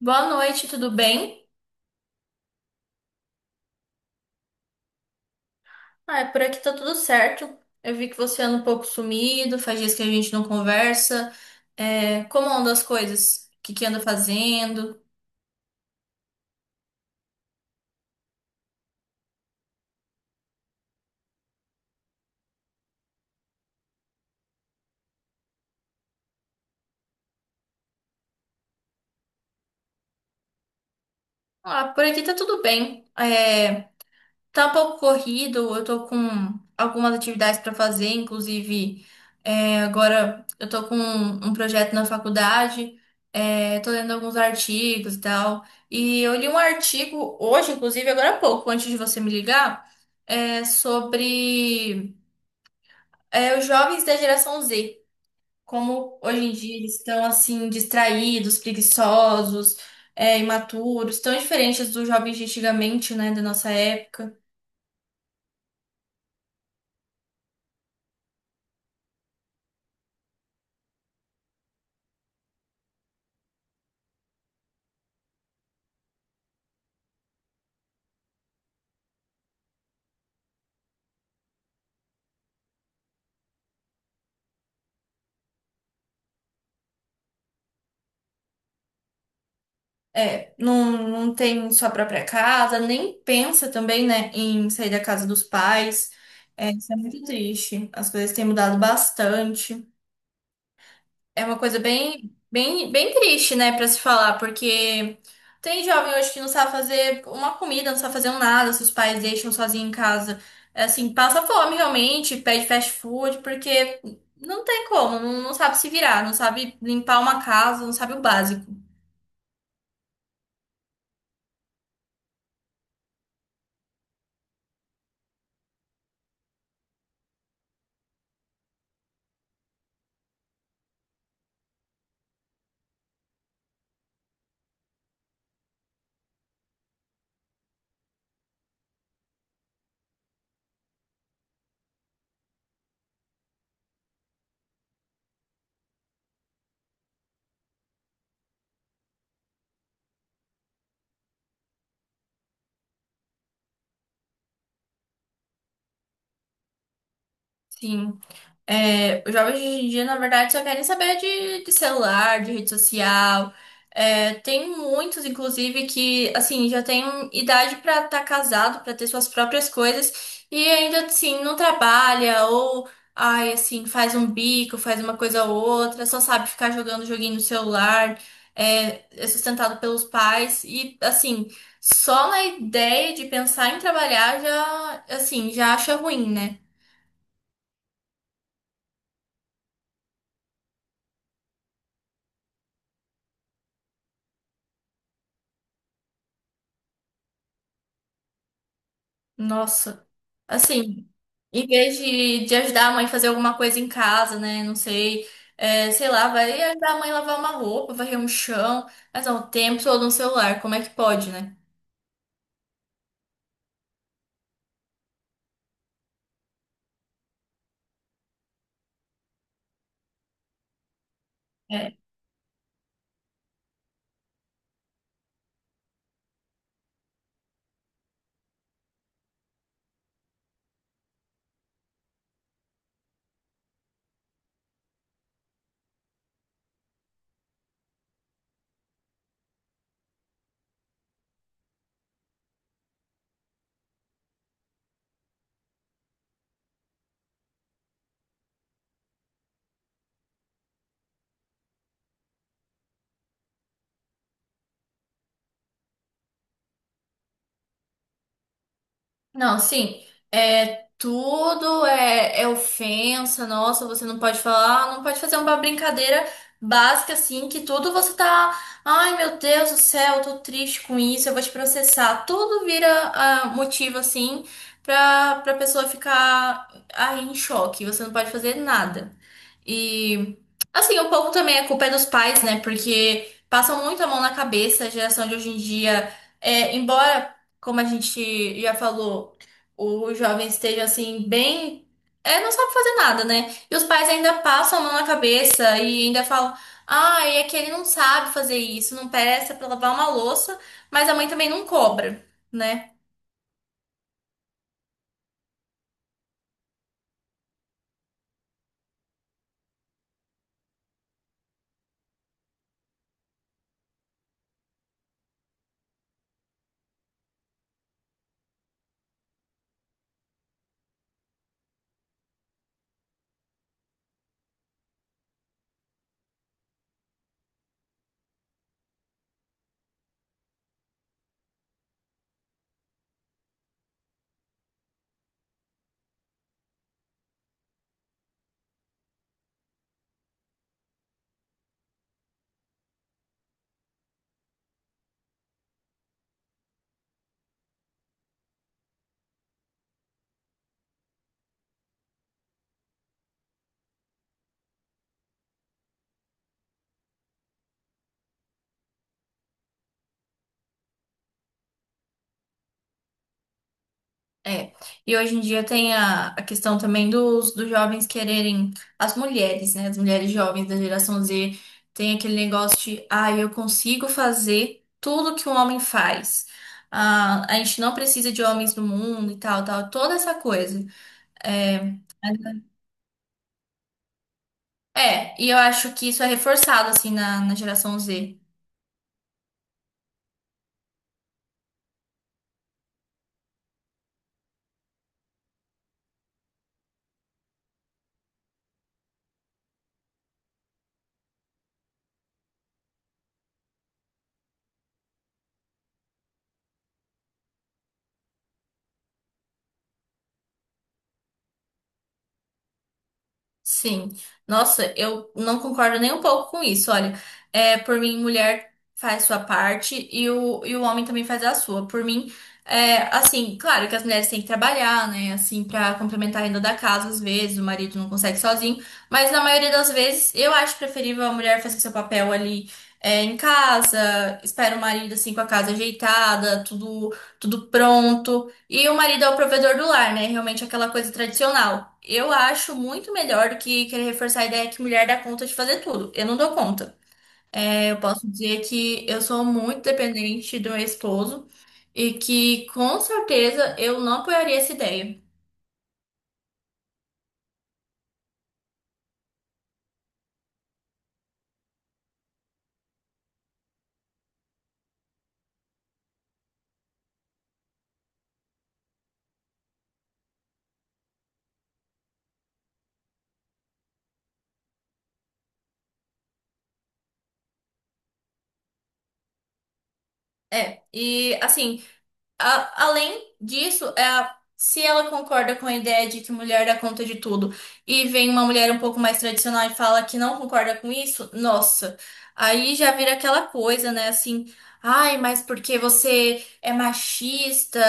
Boa noite, tudo bem? Por aqui tá tudo certo. Eu vi que você anda um pouco sumido, faz dias que a gente não conversa. Como andam as coisas? O que que anda fazendo? Ah, por aqui tá tudo bem. Tá um pouco corrido, eu tô com algumas atividades para fazer, inclusive agora eu tô com um projeto na faculdade, tô lendo alguns artigos e tal. E eu li um artigo hoje, inclusive agora há pouco, antes de você me ligar, sobre os jovens da geração Z, como hoje em dia eles estão assim distraídos, preguiçosos, imaturos, tão diferentes dos jovens de antigamente, né, da nossa época. É, não tem sua própria casa, nem pensa também, né, em sair da casa dos pais. É, isso é muito triste. As coisas têm mudado bastante. É uma coisa bem triste, né, pra se falar, porque tem jovem hoje que não sabe fazer uma comida, não sabe fazer um nada, se os pais deixam sozinho em casa. É, assim, passa fome realmente, pede fast food, porque não tem como, não sabe se virar, não sabe limpar uma casa, não sabe o básico. Sim. É, os jovens de hoje em dia, na verdade, só querem saber de celular, de rede social. É, tem muitos, inclusive, que, assim, já têm idade pra estar casado, pra ter suas próprias coisas, e ainda, assim, não trabalha, ou, ai, assim, faz um bico, faz uma coisa ou outra, só sabe ficar jogando joguinho no celular, é sustentado pelos pais, e, assim, só na ideia de pensar em trabalhar já, assim, já acha ruim, né? Nossa. Assim, em vez de ajudar a mãe a fazer alguma coisa em casa, né? Não sei, sei lá, vai ajudar a mãe a lavar uma roupa, varrer um chão, mas não, o tempo todo no celular, como é que pode, né? Não, sim, tudo é ofensa, nossa, você não pode falar, não pode fazer uma brincadeira básica assim, que tudo você tá, ai meu Deus do céu, eu tô triste com isso, eu vou te processar. Tudo vira ah, motivo assim pra pessoa ficar aí em choque, você não pode fazer nada. E assim, um pouco também a culpa é dos pais, né? Porque passam muito a mão na cabeça, a geração de hoje em dia, embora como a gente já falou, o jovem esteja assim, bem. É, não sabe fazer nada, né? E os pais ainda passam a mão na cabeça e ainda falam: ah, é que ele não sabe fazer isso, não presta pra lavar uma louça, mas a mãe também não cobra, né? É, e hoje em dia tem a questão também dos jovens quererem, as mulheres, né? As mulheres jovens da geração Z tem aquele negócio de, ah, eu consigo fazer tudo que um homem faz. Ah, a gente não precisa de homens no mundo e tal, tal, toda essa coisa. É, e eu acho que isso é reforçado, assim, na geração Z. Sim, nossa, eu não concordo nem um pouco com isso. Olha, por mim, mulher faz sua parte e o homem também faz a sua. Por mim, assim, claro que as mulheres têm que trabalhar, né? Assim, pra complementar a renda da casa, às vezes, o marido não consegue sozinho, mas na maioria das vezes eu acho preferível a mulher fazer seu papel ali, em casa, espera o marido, assim, com a casa ajeitada, tudo, tudo pronto. E o marido é o provedor do lar, né? Realmente aquela coisa tradicional. Eu acho muito melhor do que querer reforçar a ideia que mulher dá conta de fazer tudo. Eu não dou conta. É, eu posso dizer que eu sou muito dependente do meu esposo e que com certeza eu não apoiaria essa ideia. É, e assim. Além disso, se ela concorda com a ideia de que mulher dá conta de tudo e vem uma mulher um pouco mais tradicional e fala que não concorda com isso, nossa, aí já vira aquela coisa, né? Assim, ai, mas porque você é machista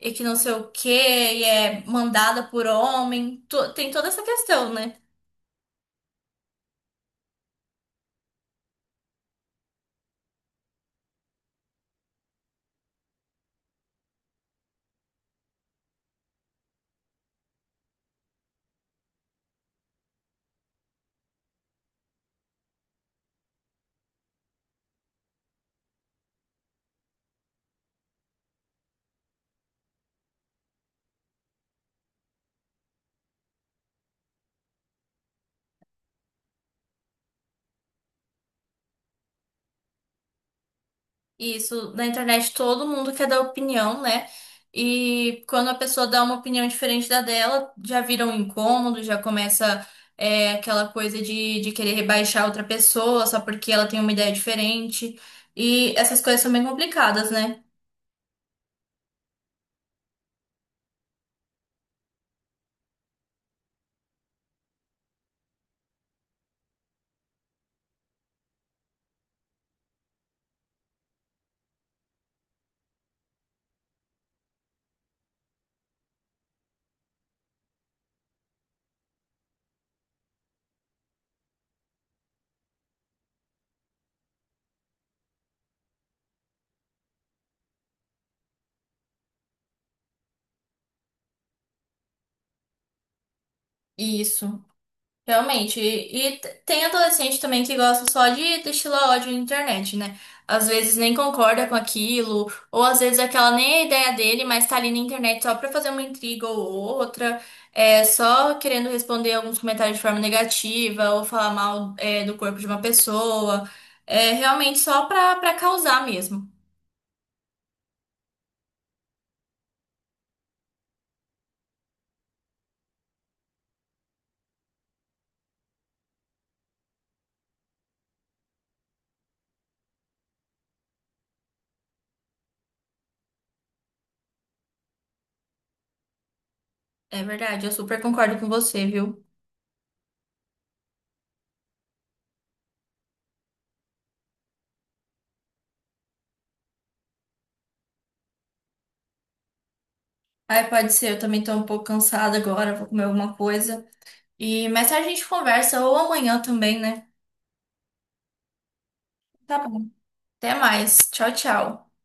e que não sei o quê, e é mandada por homem, tem toda essa questão, né? Isso, na internet todo mundo quer dar opinião, né? E quando a pessoa dá uma opinião diferente da dela, já vira um incômodo, já começa aquela coisa de querer rebaixar outra pessoa só porque ela tem uma ideia diferente. E essas coisas são bem complicadas, né? Isso. Realmente, tem adolescente também que gosta só de destilar ódio na internet, né? Às vezes nem concorda com aquilo, ou às vezes aquela nem é a ideia dele, mas tá ali na internet só pra fazer uma intriga ou outra, só querendo responder alguns comentários de forma negativa, ou falar mal, do corpo de uma pessoa, é realmente só pra causar mesmo. É verdade, eu super concordo com você, viu? Ai, pode ser, eu também tô um pouco cansada agora, vou comer alguma coisa. E mais tarde a gente conversa, ou amanhã também, né? Tá bom. Até mais. Tchau, tchau.